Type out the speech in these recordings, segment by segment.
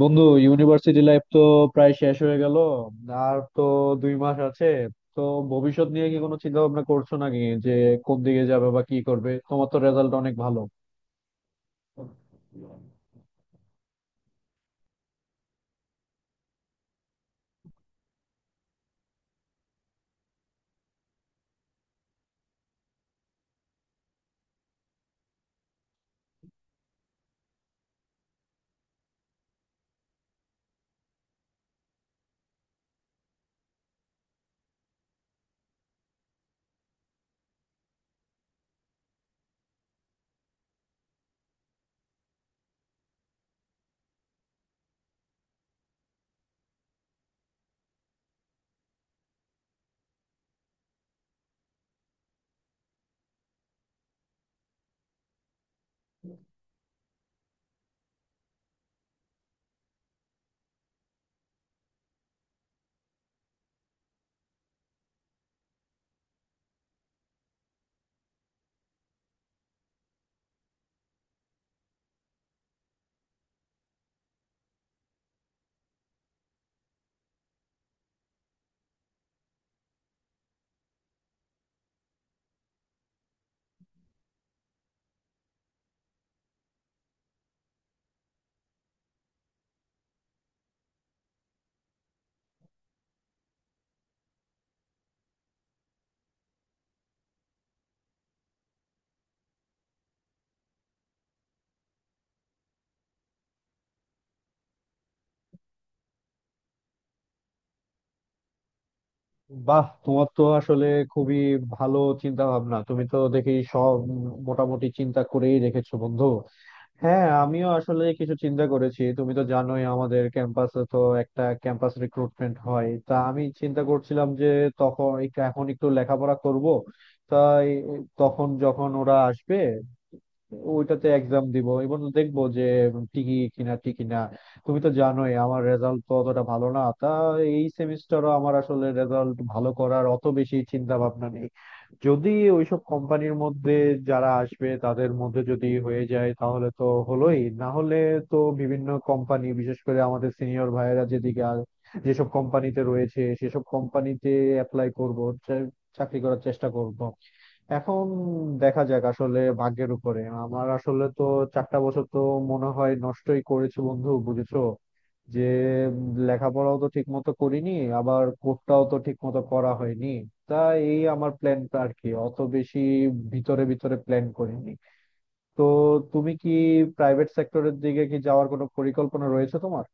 বন্ধু, university life তো প্রায় শেষ হয়ে গেল। আর তো 2 মাস আছে। তো ভবিষ্যৎ নিয়ে কি কোনো চিন্তা ভাবনা করছো নাকি যে কোন দিকে যাবে বা কি করবে? তোমার তো রেজাল্ট অনেক ভালো। বাহ, তোমার তো আসলে খুবই ভালো চিন্তা ভাবনা। তুমি তো দেখি সব মোটামুটি চিন্তা করেই রেখেছো বন্ধু। হ্যাঁ, আমিও আসলে কিছু চিন্তা করেছি। তুমি তো জানোই আমাদের ক্যাম্পাসে তো একটা ক্যাম্পাস রিক্রুটমেন্ট হয়। তা আমি চিন্তা করছিলাম যে তখন এখন একটু লেখাপড়া করব, তাই তখন যখন ওরা আসবে ওইটাতে এক্সাম দিব এবং দেখবো যে টিকি কিনা টিকি না। তুমি তো জানোই আমার রেজাল্ট তো অতটা ভালো না। তা এই সেমিস্টারও আমার আসলে রেজাল্ট ভালো করার অত বেশি চিন্তা ভাবনা নেই। যদি ওইসব কোম্পানির মধ্যে যারা আসবে তাদের মধ্যে যদি হয়ে যায় তাহলে তো হলোই, না হলে তো বিভিন্ন কোম্পানি, বিশেষ করে আমাদের সিনিয়র ভাইয়েরা যেসব কোম্পানিতে রয়েছে সেসব কোম্পানিতে অ্যাপ্লাই করব, চা- চাকরি করার চেষ্টা করব। এখন দেখা যাক, আসলে ভাগ্যের উপরে। আমার আসলে তো 4টা বছর তো মনে হয় নষ্টই করেছি বন্ধু, বুঝেছো? যে উম, লেখাপড়াও তো ঠিক মতো করিনি, আবার কোর্সটাও তো ঠিক মতো করা হয়নি। তা এই আমার প্ল্যানটা আর কি, অত বেশি ভিতরে ভিতরে প্ল্যান করিনি। তো তুমি কি প্রাইভেট সেক্টরের দিকে কি যাওয়ার কোনো পরিকল্পনা রয়েছে তোমার?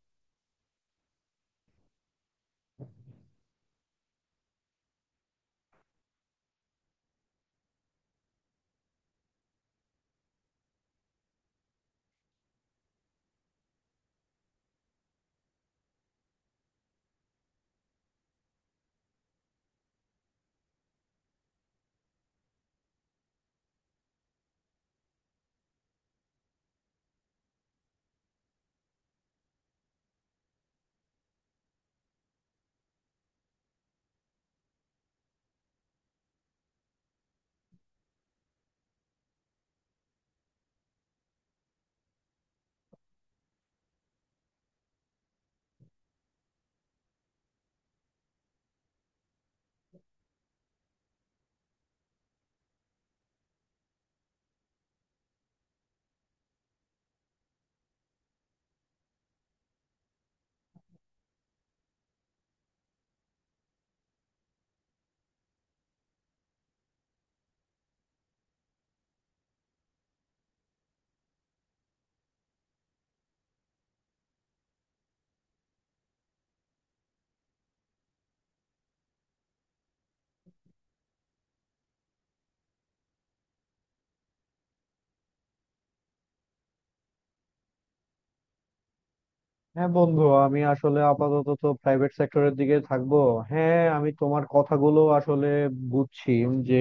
হ্যাঁ বন্ধু, আমি আসলে আপাতত তো প্রাইভেট সেক্টরের দিকে থাকবো। হ্যাঁ, আমি তোমার কথাগুলো আসলে বুঝছি যে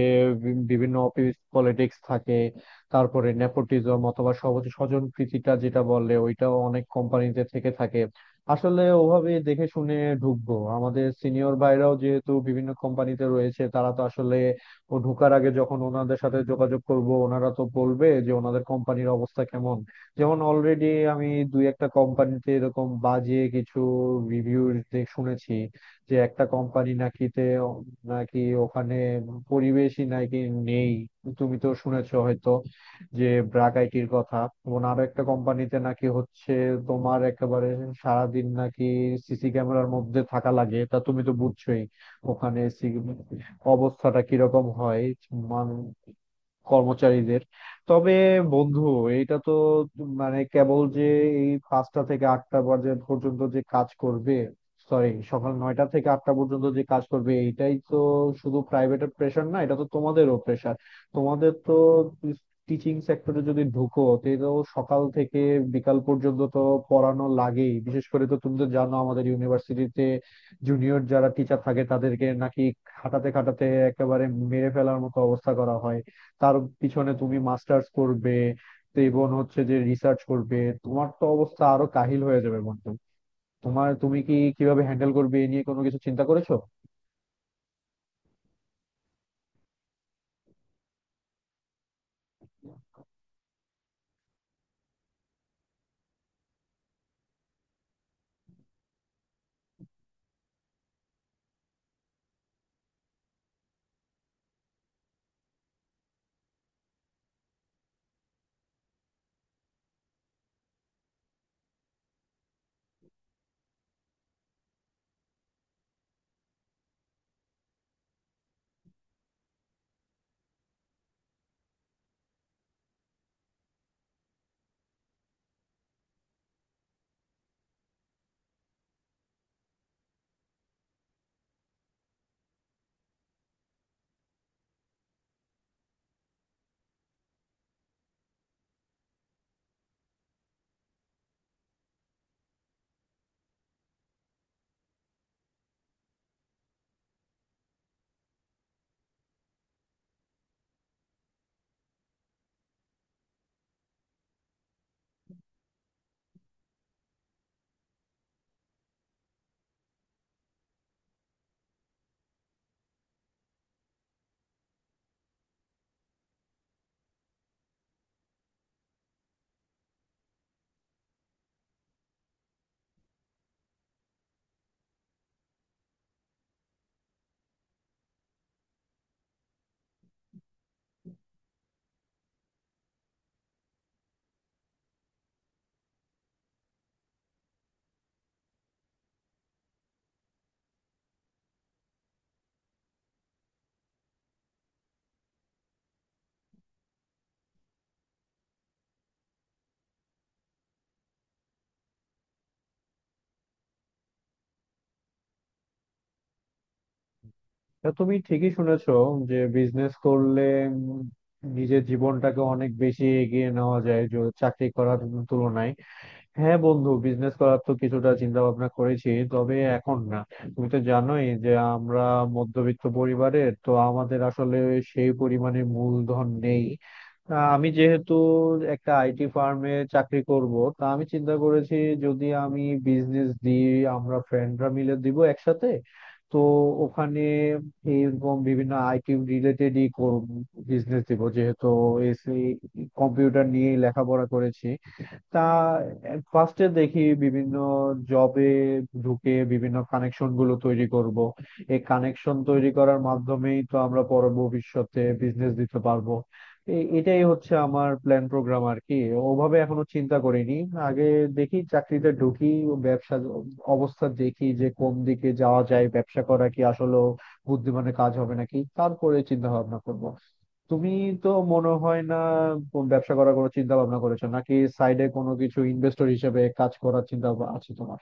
বিভিন্ন অফিস পলিটিক্স থাকে, তারপরে নেপোটিজম অথবা সহজ স্বজন প্রীতিটা যেটা বলে ওইটাও অনেক কোম্পানিতে থেকে থাকে। আসলে ওভাবে দেখে শুনে ঢুকবো। আমাদের সিনিয়র ভাইরাও যেহেতু বিভিন্ন কোম্পানিতে রয়েছে, তারা তো আসলে ও ঢোকার আগে যখন ওনাদের সাথে যোগাযোগ করব ওনারা তো বলবে যে ওনাদের কোম্পানির অবস্থা কেমন। যেমন অলরেডি আমি দুই একটা কোম্পানিতে এরকম বাজে কিছু রিভিউ শুনেছি যে একটা কোম্পানি নাকিতে নাকি ওখানে পরিবেশই নাকি নেই। তুমি তো শুনেছো হয়তো যে ব্র্যাক আইটির কথা। এবং আরো একটা কোম্পানিতে নাকি হচ্ছে তোমার একেবারে সারাদিন নাকি সিসি ক্যামেরার মধ্যে থাকা লাগে। তা তুমি তো বুঝছোই ওখানে অবস্থাটা কিরকম হয় মান কর্মচারীদের। তবে বন্ধু, এটা তো মানে কেবল যে এই 5টা থেকে 8টা পর্যন্ত পর্যন্ত যে কাজ করবে, সরি সকাল 9টা থেকে 8টা পর্যন্ত যে কাজ করবে, এইটাই তো শুধু প্রাইভেটের প্রেশার না, এটা তো তোমাদেরও প্রেশার। তোমাদের তো টিচিং সেক্টরে যদি ঢুকো তো এটা তো সকাল থেকে বিকাল পর্যন্ত তো পড়ানো লাগেই। বিশেষ করে তো তুমি তো জানো আমাদের ইউনিভার্সিটিতে জুনিয়র যারা টিচার থাকে তাদেরকে নাকি খাটাতে খাটাতে একেবারে মেরে ফেলার মতো অবস্থা করা হয়। তার পিছনে তুমি মাস্টার্স করবে তো, এবং হচ্ছে যে রিসার্চ করবে, তোমার তো অবস্থা আরো কাহিল হয়ে যাবে বন্ধু। তোমার তুমি কি কিভাবে হ্যান্ডেল করবে এ নিয়ে কোনো কিছু চিন্তা করেছো? তা তুমি ঠিকই শুনেছো যে বিজনেস করলে উম, নিজের জীবনটাকে অনেক বেশি এগিয়ে নেওয়া যায় চাকরি করার তুলনায়। হ্যাঁ বন্ধু, বিজনেস করার তো কিছুটা চিন্তা ভাবনা করেছি, তবে এখন না। তুমি তো জানোই যে আমরা মধ্যবিত্ত পরিবারের, তো আমাদের আসলে সেই পরিমাণে মূলধন নেই। আমি যেহেতু একটা আইটি ফার্মে চাকরি করব তা আমি চিন্তা করেছি যদি আমি বিজনেস দিই, আমরা ফ্রেন্ডরা মিলে দিব একসাথে। তো ওখানে এইরকম বিভিন্ন আইটি রিলেটেডই বিজনেস দিব, যেহেতু এসি কম্পিউটার নিয়ে লেখাপড়া করেছি। তা ফার্স্টে দেখি বিভিন্ন জবে ঢুকে বিভিন্ন কানেকশন গুলো তৈরি করব। এই কানেকশন তৈরি করার মাধ্যমেই তো আমরা পরে ভবিষ্যতে বিজনেস দিতে পারবো। এটাই হচ্ছে আমার প্ল্যান প্রোগ্রাম আর কি, ওভাবে এখনো চিন্তা করিনি। আগে দেখি চাকরিতে ঢুকি, ব্যবসা অবস্থা দেখি যে কোন দিকে যাওয়া যায়, ব্যবসা করা কি আসলে বুদ্ধিমানের কাজ হবে নাকি, তারপরে চিন্তা ভাবনা করবো। তুমি তো মনে হয় না কোন ব্যবসা করার কোনো চিন্তা ভাবনা করেছো নাকি সাইডে কোনো কিছু ইনভেস্টর হিসেবে কাজ করার চিন্তা ভাবনা আছে তোমার?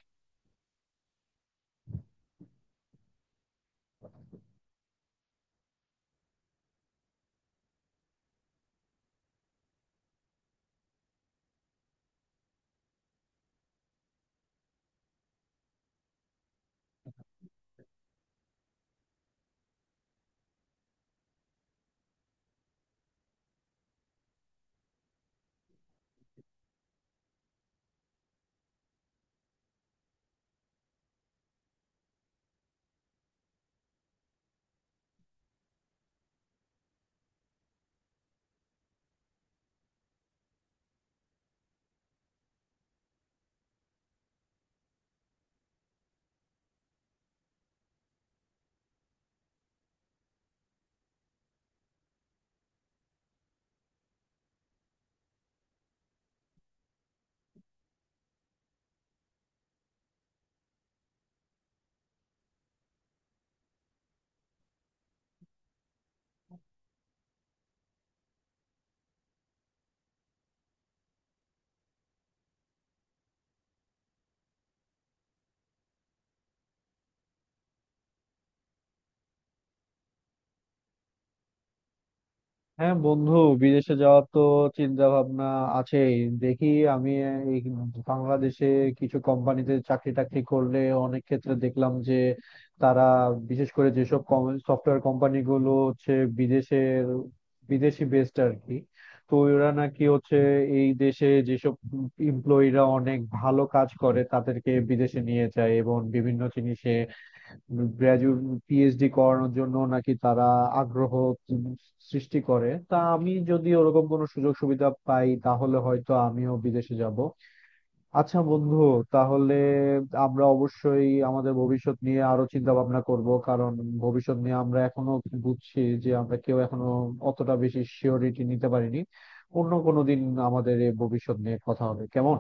হ্যাঁ বন্ধু, বিদেশে যাওয়ার তো চিন্তা ভাবনা আছেই। দেখি, আমি এই বাংলাদেশে কিছু কোম্পানিতে চাকরি টাকরি করলে অনেক ক্ষেত্রে দেখলাম যে তারা, বিশেষ করে যেসব সফটওয়্যার কোম্পানি গুলো হচ্ছে বিদেশের, বিদেশি বেসড আর কি, তো ওরা নাকি হচ্ছে এই দেশে যেসব এমপ্লয়িরা অনেক ভালো কাজ করে তাদেরকে বিদেশে নিয়ে যায় এবং বিভিন্ন জিনিসে গ্রাজুয়েট পিএইচডি করানোর জন্য নাকি তারা আগ্রহ সৃষ্টি করে। তা আমি যদি ওরকম কোনো সুযোগ সুবিধা পাই তাহলে হয়তো আমিও বিদেশে যাব। আচ্ছা বন্ধু, তাহলে আমরা অবশ্যই আমাদের ভবিষ্যৎ নিয়ে আরো চিন্তা ভাবনা করব, কারণ ভবিষ্যৎ নিয়ে আমরা এখনো বুঝছি যে আমরা কেউ এখনো অতটা বেশি সিওরিটি নিতে পারিনি। অন্য কোনো দিন আমাদের এই ভবিষ্যৎ নিয়ে কথা হবে, কেমন?